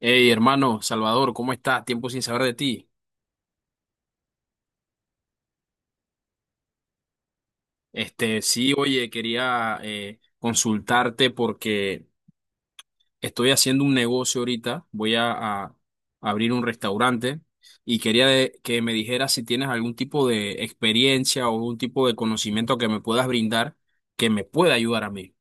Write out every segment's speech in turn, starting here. Hey, hermano, Salvador, ¿cómo estás? Tiempo sin saber de ti. Este, sí, oye, quería consultarte porque estoy haciendo un negocio ahorita. Voy a, a abrir un restaurante y quería que me dijeras si tienes algún tipo de experiencia o algún tipo de conocimiento que me puedas brindar que me pueda ayudar a mí.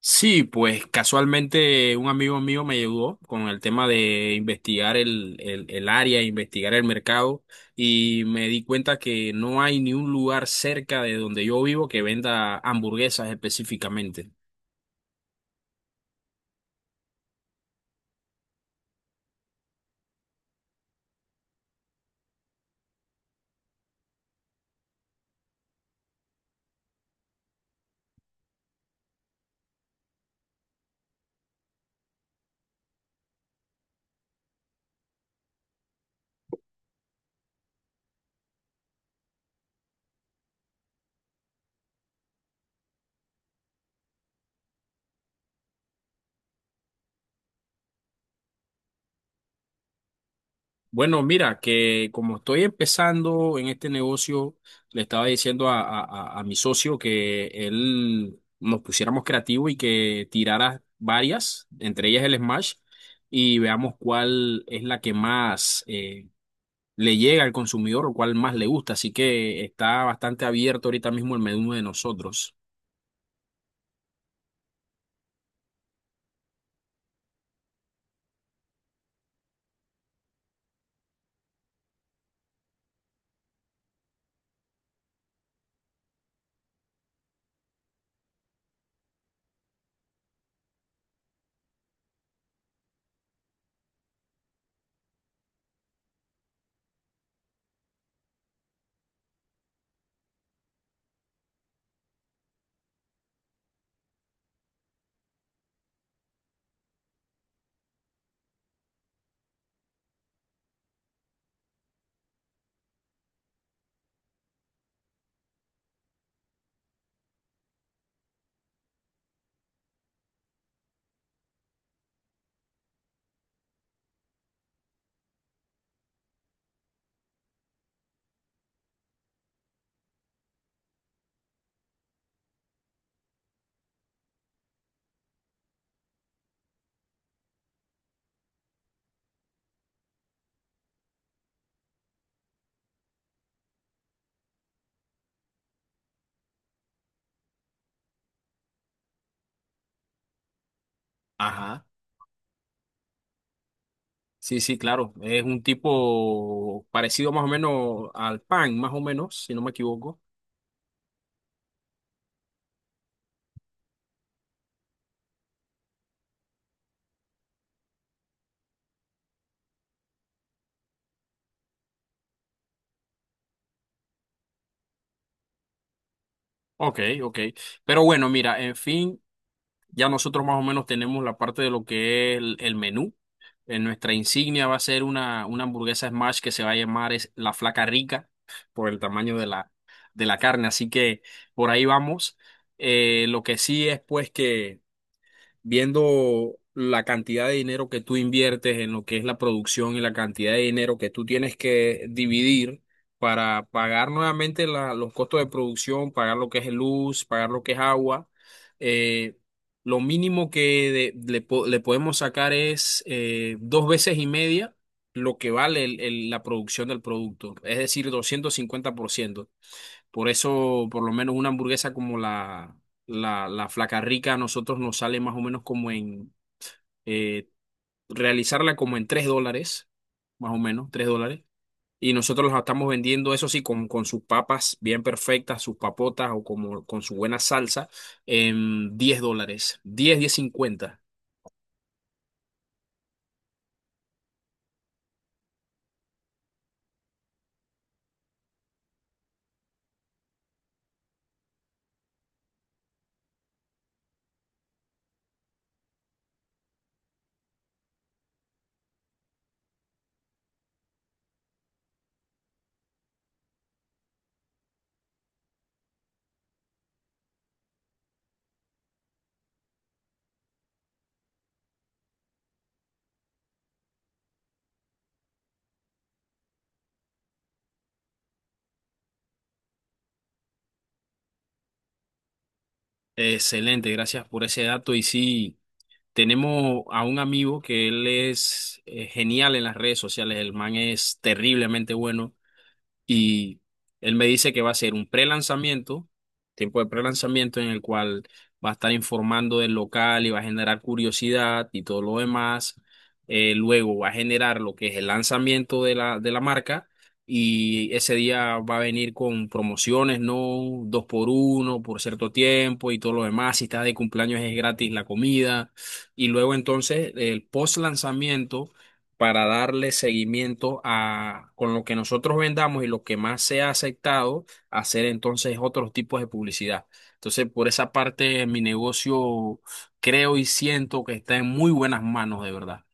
Sí, pues casualmente un amigo mío me ayudó con el tema de investigar el área, investigar el mercado y me di cuenta que no hay ni un lugar cerca de donde yo vivo que venda hamburguesas específicamente. Bueno, mira, que como estoy empezando en este negocio, le estaba diciendo a mi socio que él nos pusiéramos creativos y que tirara varias, entre ellas el Smash y veamos cuál es la que más le llega al consumidor o cuál más le gusta. Así que está bastante abierto ahorita mismo el menú de nosotros. Ajá. Sí, sí, claro. Es un tipo parecido más o menos al pan, más o menos, si no me equivoco. Ok, ok. Pero bueno, mira, en fin, ya nosotros más o menos tenemos la parte de lo que es el menú. En nuestra insignia va a ser una hamburguesa smash que se va a llamar es la Flaca Rica por el tamaño de de la carne. Así que por ahí vamos. Lo que sí es pues que viendo la cantidad de dinero que tú inviertes en lo que es la producción y la cantidad de dinero que tú tienes que dividir para pagar nuevamente los costos de producción, pagar lo que es luz, pagar lo que es agua. eh, lo mínimo que le podemos sacar es dos veces y media lo que vale la producción del producto, es decir, 250%. Por eso, por lo menos una hamburguesa como la Flaca Rica a nosotros nos sale más o menos como en eh, realizarla como en $3, más o menos, $3. Y nosotros la estamos vendiendo, eso sí, con sus papas bien perfectas, sus papotas o como con su buena salsa, en 10 dólares, diez, 10.50. Excelente, gracias por ese dato. Y sí, tenemos a un amigo que él es genial en las redes sociales, el man es terriblemente bueno. Y él me dice que va a ser un pre-lanzamiento, tiempo de pre-lanzamiento en el cual va a estar informando del local y va a generar curiosidad y todo lo demás. Luego va a generar lo que es el lanzamiento de de la marca y ese día va a venir con promociones, ¿no? Dos por uno por cierto tiempo y todo lo demás. Si estás de cumpleaños es gratis la comida. Y luego entonces el post-lanzamiento para darle seguimiento a con lo que nosotros vendamos y lo que más se ha aceptado, hacer entonces otros tipos de publicidad. Entonces, por esa parte, mi negocio creo y siento que está en muy buenas manos, de verdad.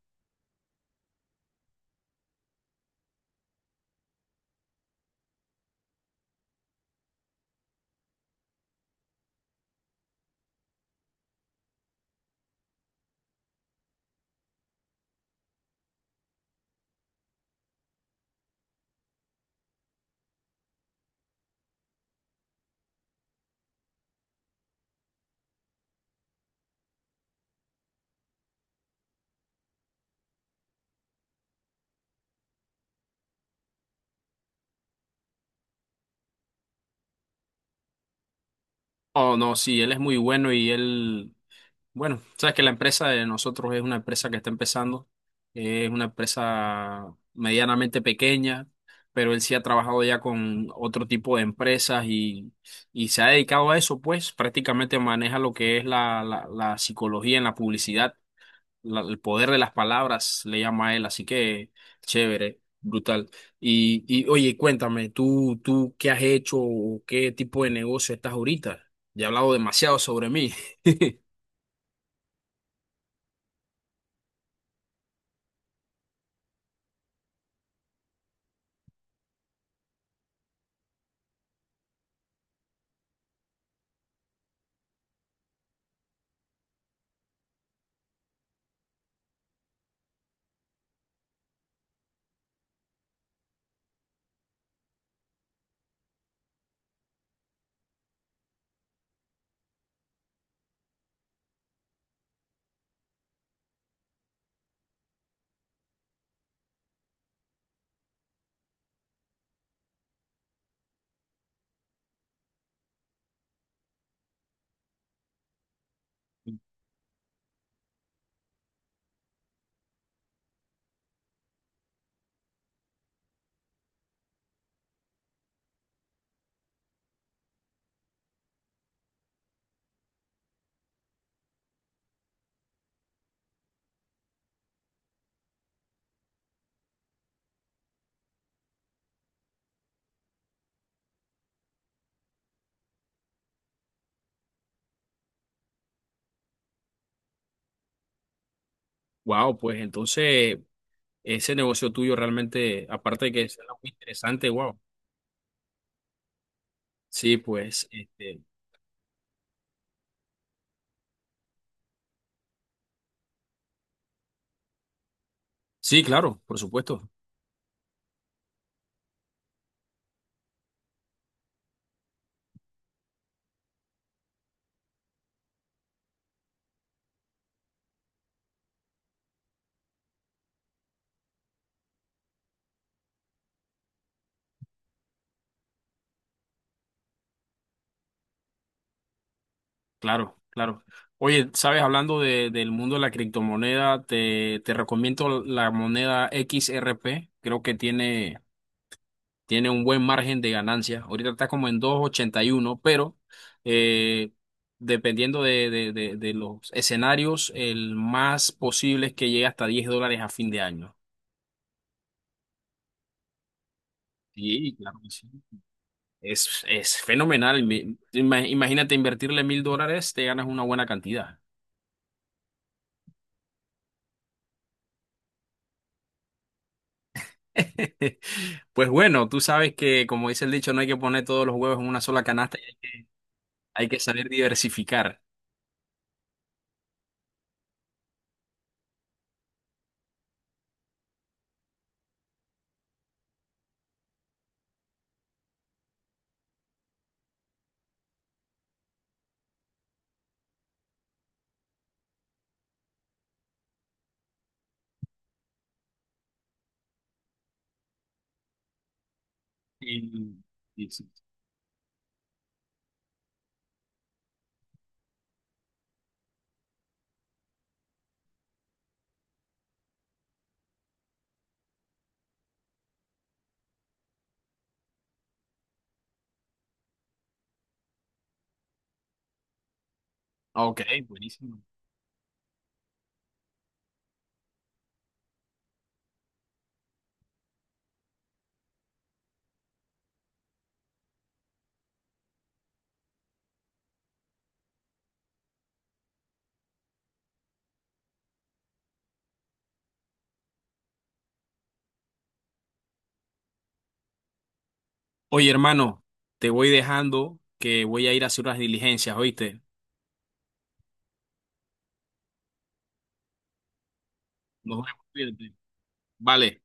Oh, no, sí, él es muy bueno y él, bueno, sabes que la empresa de nosotros es una empresa que está empezando, es una empresa medianamente pequeña, pero él sí ha trabajado ya con otro tipo de empresas y se ha dedicado a eso, pues prácticamente maneja lo que es la psicología en la publicidad, el poder de las palabras, le llama a él, así que chévere, brutal. Y oye, cuéntame, ¿tú, qué has hecho o qué tipo de negocio estás ahorita? Ya he hablado demasiado sobre mí. Wow, pues entonces ese negocio tuyo realmente, aparte de que es algo muy interesante, wow. Sí, pues, este, sí, claro, por supuesto, claro, claro. Oye, sabes, hablando del mundo de la criptomoneda, te, recomiendo la moneda XRP. Creo que tiene, tiene un buen margen de ganancia. Ahorita está como en dos ochenta y uno, pero eh, dependiendo de los escenarios, el más posible es que llegue hasta $10 a fin de año. Sí, claro que sí. Es fenomenal. Imagínate invertirle $1000, te ganas una buena cantidad. Pues bueno, tú sabes que, como dice el dicho, no hay que poner todos los huevos en una sola canasta, hay que saber diversificar. Y, y sí. Ok, buenísimo. Oye, hermano, te voy dejando que voy a ir a hacer unas diligencias, ¿oíste? Nos vemos, cuídate. Vale.